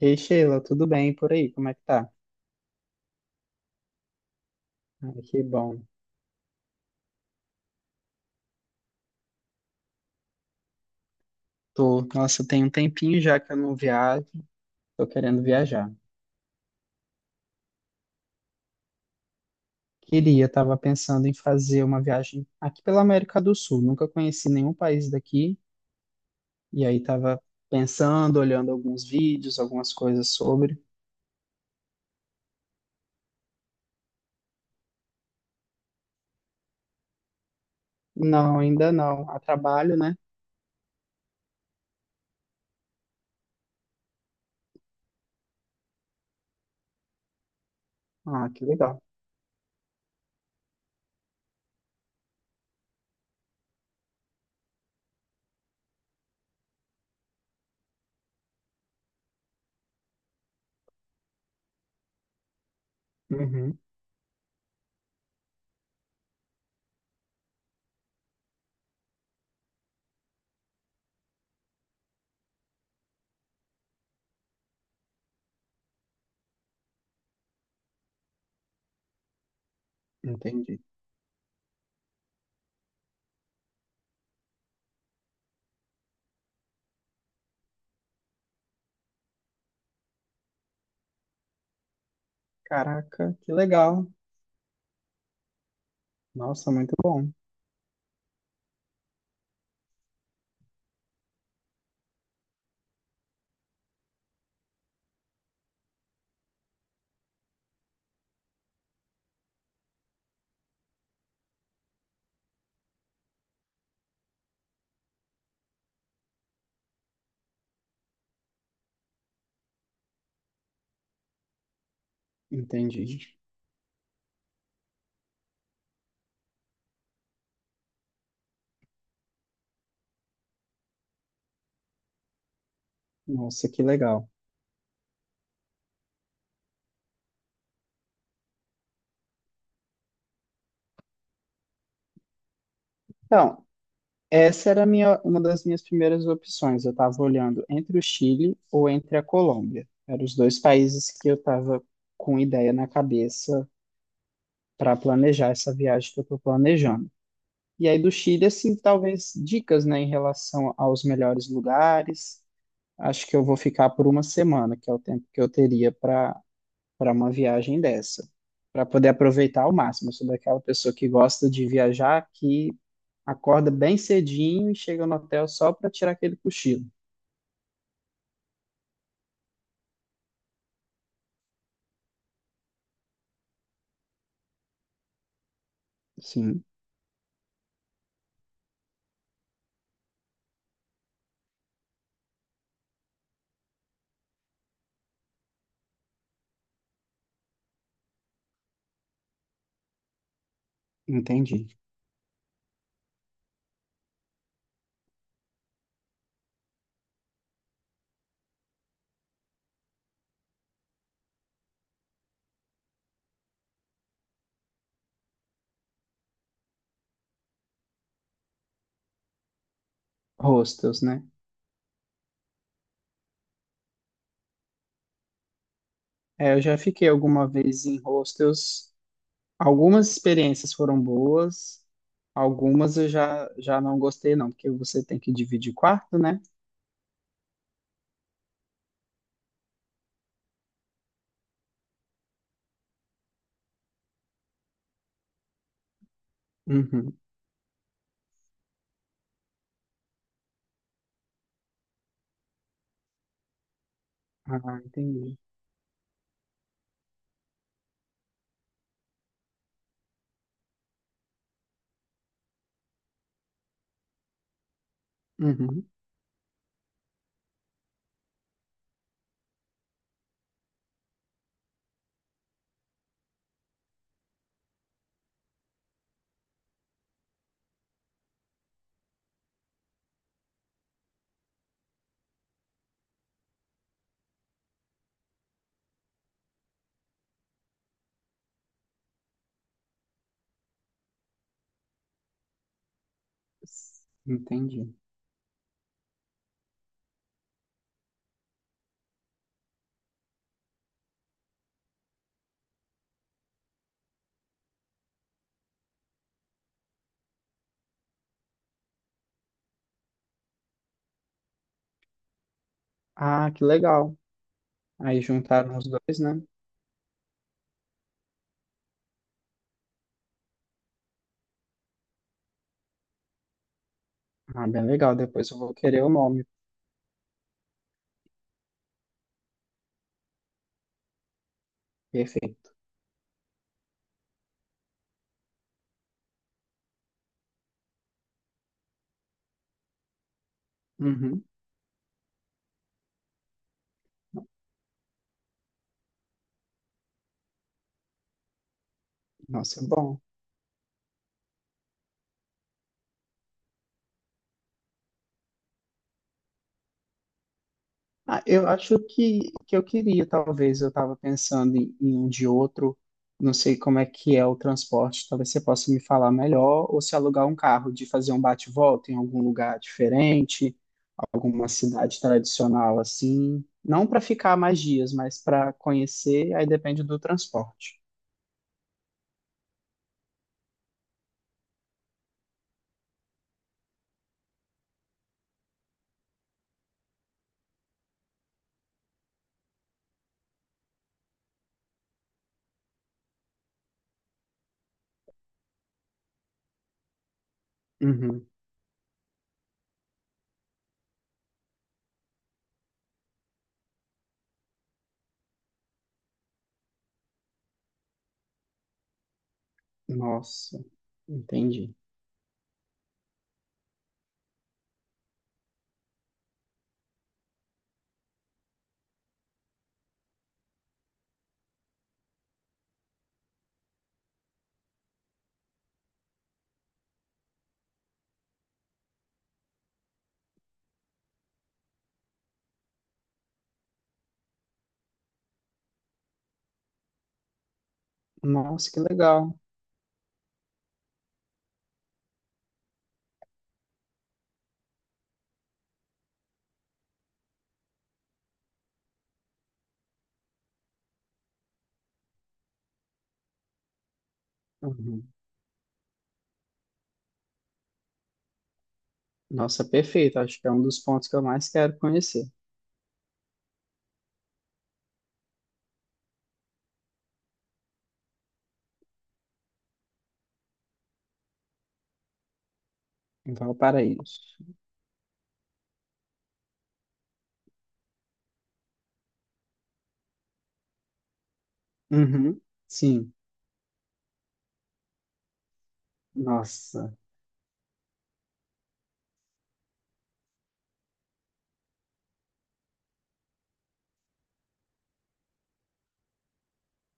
Ei, Sheila, tudo bem por aí? Como é que tá? Ai, que bom. Tô, nossa, tem um tempinho já que eu não viajo, tô querendo viajar. Queria, tava pensando em fazer uma viagem aqui pela América do Sul, nunca conheci nenhum país daqui, e aí tava pensando, olhando alguns vídeos, algumas coisas sobre. Não, ainda não. A trabalho, né? Ah, que legal. Uhum, entendi. Caraca, que legal. Nossa, muito bom. Entendi. Nossa, que legal. Então, essa era a minha, uma das minhas primeiras opções. Eu estava olhando entre o Chile ou entre a Colômbia. Eram os dois países que eu estava com ideia na cabeça para planejar essa viagem que eu estou planejando. E aí do Chile, assim, talvez dicas, né, em relação aos melhores lugares. Acho que eu vou ficar por uma semana, que é o tempo que eu teria para uma viagem dessa, para poder aproveitar ao máximo. Eu sou daquela pessoa que gosta de viajar, que acorda bem cedinho e chega no hotel só para tirar aquele cochilo. Sim, entendi. Hostels, né? É, eu já fiquei alguma vez em hostels. Algumas experiências foram boas, algumas eu já não gostei, não, porque você tem que dividir quarto, né? Uhum. Ah, entendi. Uhum. Entendi. Ah, que legal. Aí juntaram os dois, né? Ah, bem legal. Depois eu vou querer o nome. Perfeito. Uhum. Nossa, é bom. Ah, eu acho que eu queria, talvez, eu estava pensando em um de outro, não sei como é que é o transporte, talvez você possa me falar melhor, ou se alugar um carro, de fazer um bate-volta em algum lugar diferente, alguma cidade tradicional assim, não para ficar mais dias, mas para conhecer, aí depende do transporte. Uhum. Nossa, entendi. Nossa, que legal. Uhum. Nossa, perfeito, acho que é um dos pontos que eu mais quero conhecer, em Valparaíso. Uhum, sim. Nossa.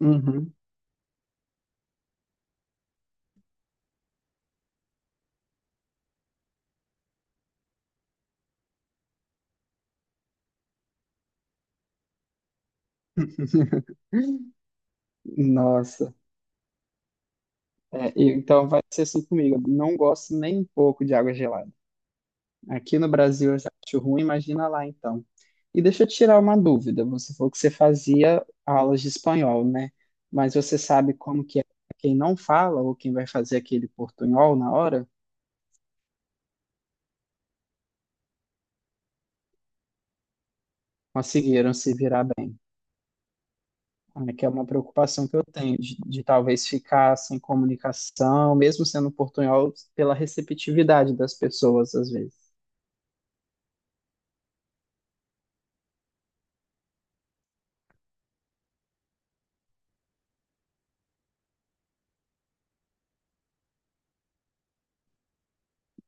Uhum. Nossa. É, e- então vai ser assim comigo. Eu não gosto nem um pouco de água gelada. Aqui no Brasil eu já acho ruim, imagina lá então. E deixa eu tirar uma dúvida. Você falou que você fazia aulas de espanhol, né? Mas você sabe como que é pra quem não fala ou quem vai fazer aquele portunhol na hora? Conseguiram se virar bem. Ah, que é uma preocupação que eu tenho, de talvez ficar sem comunicação, mesmo sendo portunhol, pela receptividade das pessoas, às vezes.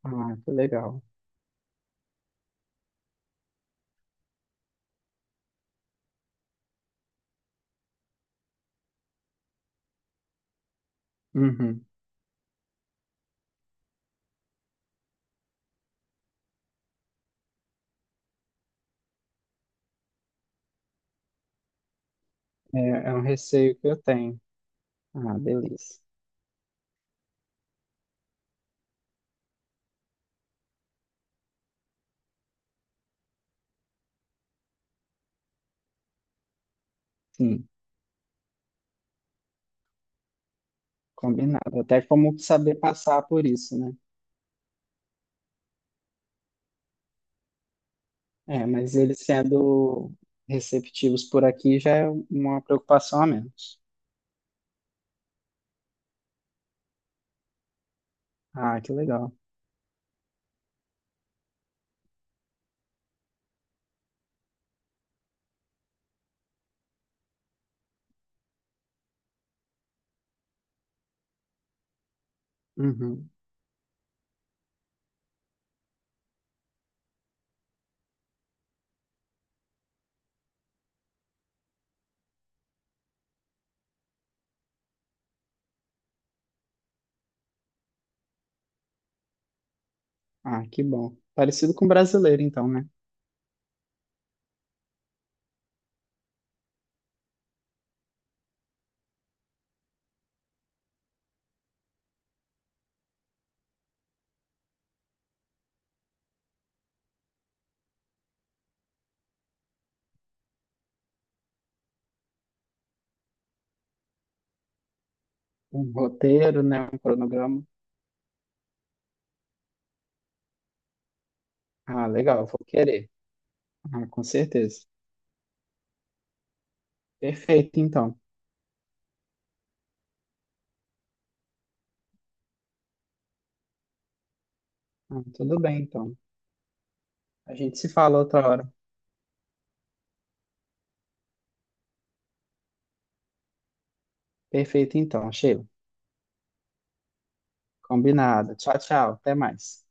Ah, que legal. Uhum. É, é um receio que eu tenho. Ah, beleza. Sim, combinado. Até como saber passar por isso, né? É, mas eles sendo receptivos por aqui já é uma preocupação a menos. Ah, que legal. Uhum. Ah, que bom. Parecido com o brasileiro, então, né? Um roteiro, né? Um cronograma. Ah, legal, eu vou querer. Ah, com certeza. Perfeito, então. Ah, tudo bem, então. A gente se fala outra hora. Perfeito, então, Sheila. Combinado. Tchau, tchau. Até mais.